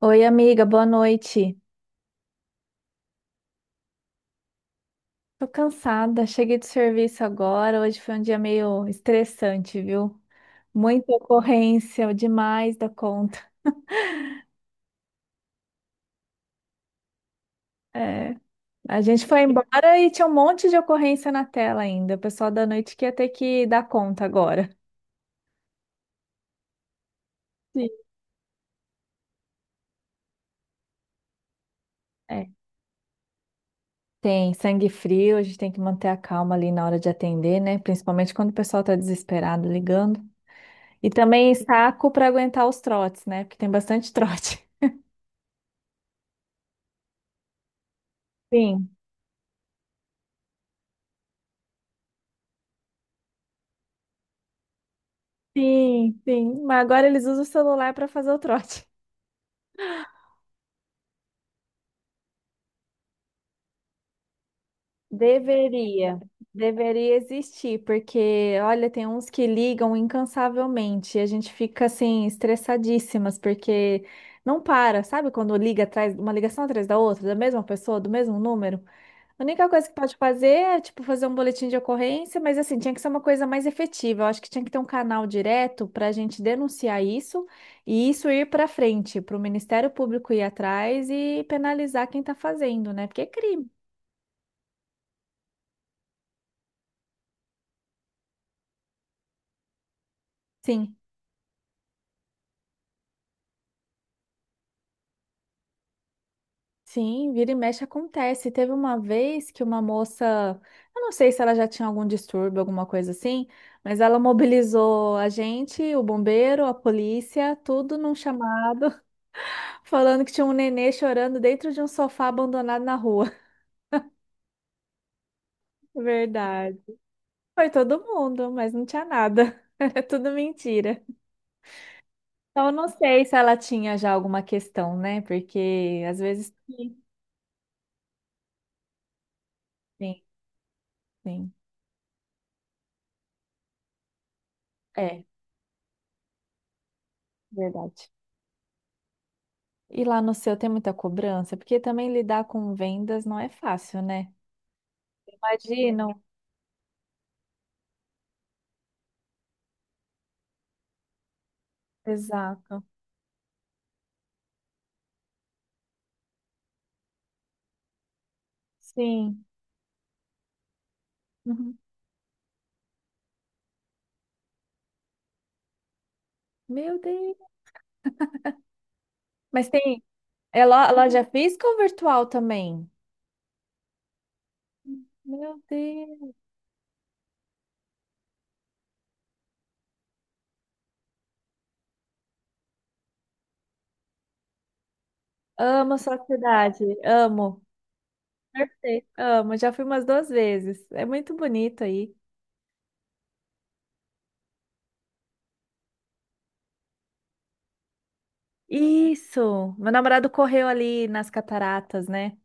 Oi, amiga, boa noite. Tô cansada, cheguei do serviço agora. Hoje foi um dia meio estressante, viu? Muita ocorrência, demais da conta. É, a gente foi embora e tinha um monte de ocorrência na tela ainda. O pessoal da noite que ia ter que dar conta agora. Sim. É, tem sangue frio, a gente tem que manter a calma ali na hora de atender, né? Principalmente quando o pessoal tá desesperado ligando. E também saco para aguentar os trotes, né? Porque tem bastante trote. Sim. Sim, sim. Mas agora eles usam o celular para fazer o trote. Deveria, deveria existir, porque olha, tem uns que ligam incansavelmente, e a gente fica assim estressadíssimas porque não para, sabe? Quando liga atrás, uma ligação atrás da outra, da mesma pessoa, do mesmo número. A única coisa que pode fazer é, tipo, fazer um boletim de ocorrência, mas assim, tinha que ser uma coisa mais efetiva. Eu acho que tinha que ter um canal direto para a gente denunciar isso e isso ir para frente, para o Ministério Público ir atrás e penalizar quem está fazendo, né? Porque é crime. Sim, sim, vira e mexe acontece. Teve uma vez que uma moça, eu não sei se ela já tinha algum distúrbio, alguma coisa assim, mas ela mobilizou a gente, o bombeiro, a polícia, tudo num chamado. Falando que tinha um nenê chorando dentro de um sofá abandonado na rua. Verdade. Foi todo mundo, mas não tinha nada. Era tudo mentira. Então, eu não sei se ela tinha já alguma questão, né? Porque às vezes. Sim, sim. sim. É, verdade. E lá no seu tem muita cobrança? Porque também lidar com vendas não é fácil, né? Imagino. Exato. Sim. Uhum. Meu Deus. Mas tem. É loja física ou virtual também? Meu Deus. Amo sua cidade, amo. Perfeito. Amo, já fui umas duas vezes. É muito bonito aí. Isso! Meu namorado correu ali nas cataratas, né?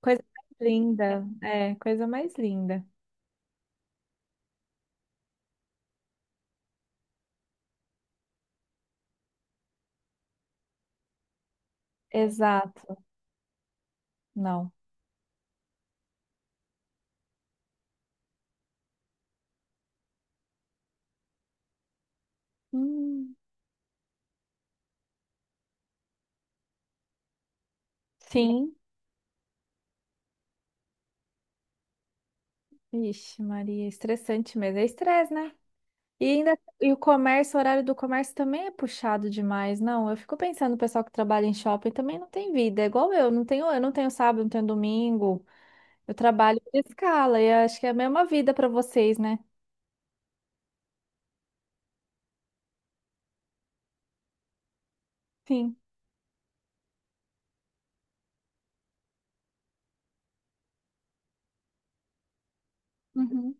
Coisa mais linda. É, coisa mais linda. Exato. Não. Hum, sim. Ixi, Maria, estressante mesmo. É estresse, né? E ainda e o comércio, o horário do comércio também é puxado demais, não? Eu fico pensando, o pessoal que trabalha em shopping também não tem vida, é igual eu não tenho sábado, não tenho domingo. Eu trabalho por escala e acho que é a mesma vida para vocês, né? Sim. Uhum.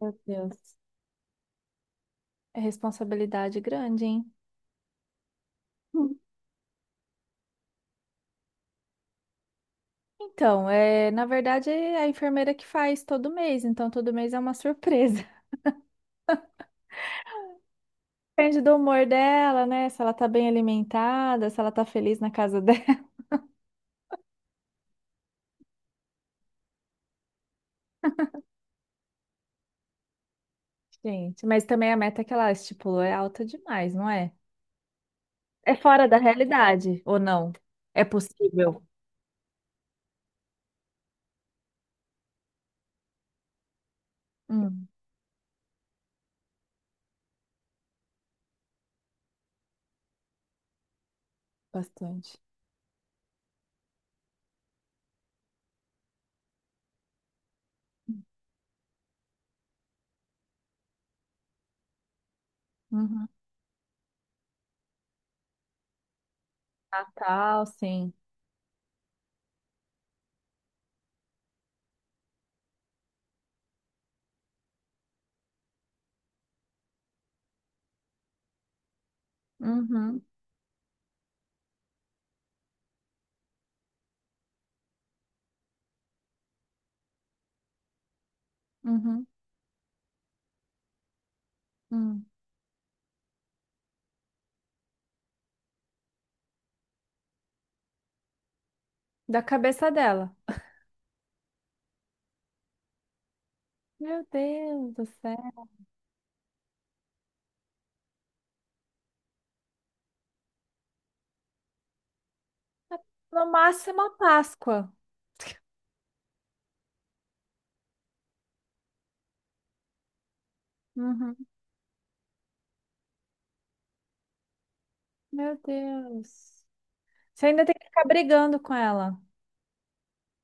Meu Deus. É responsabilidade grande, hein? Hum. Então, é, na verdade, é a enfermeira que faz todo mês, então todo mês é uma surpresa. Depende do humor dela, né? Se ela tá bem alimentada, se ela tá feliz na casa dela. Gente, mas também a meta que ela estipulou é alta demais, não é? É fora da realidade, ou não? É possível? Hum, bastante. Uhum. Natal, sim. Uhum. Uhum, uhum. Da cabeça dela. Meu Deus do céu. No máximo a Páscoa. Uhum. Meu Deus. Você ainda tem que ficar brigando com ela.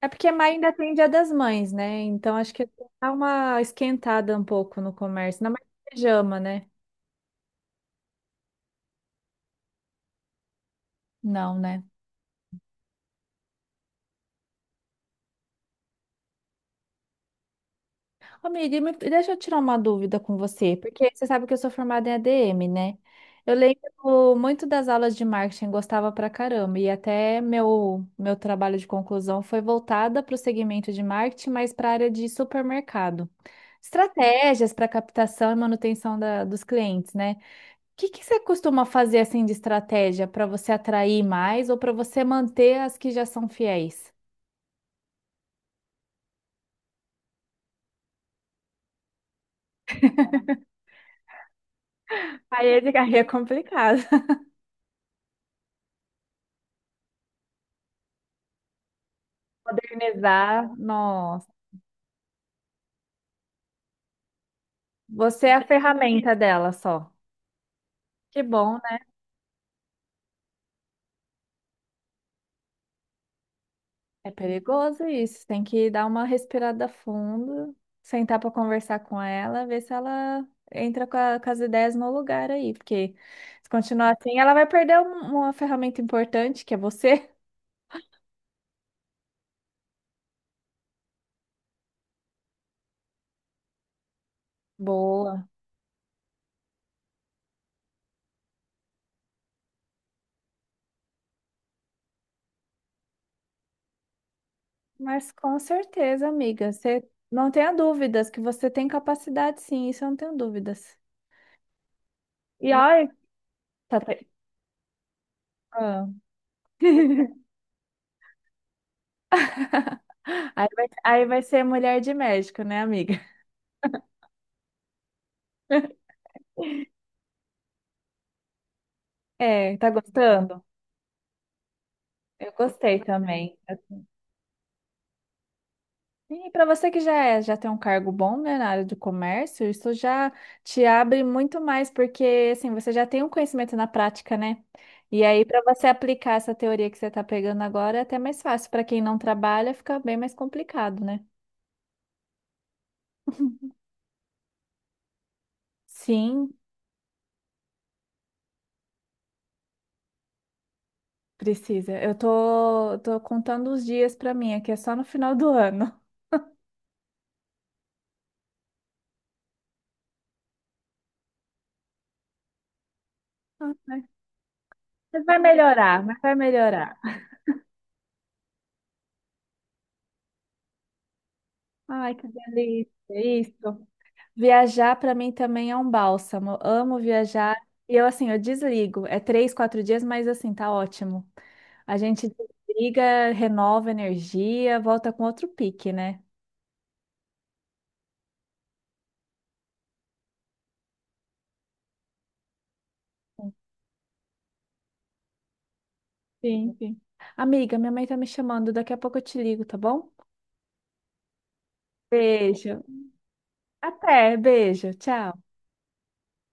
É porque maio ainda tem Dia das Mães, né? Então acho que dá uma esquentada um pouco no comércio. Não mais pijama, né? Não, né? Amiga, e deixa eu tirar uma dúvida com você, porque você sabe que eu sou formada em ADM, né? Eu lembro muito das aulas de marketing, gostava pra caramba, e até meu trabalho de conclusão foi voltada para o segmento de marketing, mas para a área de supermercado. Estratégias para captação e manutenção dos clientes, né? O que que você costuma fazer assim de estratégia para você atrair mais ou para você manter as que já são fiéis? Aí é complicado. Modernizar, nossa. Você é a ferramenta dela só. Que bom, né? É perigoso isso. Tem que dar uma respirada fundo, sentar para conversar com ela, ver se ela entra com, com as ideias no lugar aí. Porque se continuar assim, ela vai perder uma ferramenta importante, que é você. Boa. Mas com certeza, amiga, você não tenha dúvidas que você tem capacidade, sim, isso eu não tenho dúvidas. E olha, tá... Ah. Aí vai ser mulher de médico, né, amiga? É, tá gostando? Eu gostei também. Assim. E para você que já já tem um cargo bom, né, na área de comércio, isso já te abre muito mais, porque assim, você já tem um conhecimento na prática, né? E aí, para você aplicar essa teoria que você está pegando agora, é até mais fácil. Para quem não trabalha, fica bem mais complicado, né? Sim, precisa. Eu tô, tô contando os dias para mim, aqui é só no final do ano. Ah, mas vai melhorar, mas vai melhorar. Ai, que delícia, é isso. Viajar para mim também é um bálsamo. Eu amo viajar. E eu, assim, eu desligo. É três, quatro dias, mas assim, tá ótimo. A gente desliga, renova energia, volta com outro pique, né? Sim, sim. Amiga, minha mãe tá me chamando. Daqui a pouco eu te ligo, tá bom? Beijo. Até, beijo. Tchau.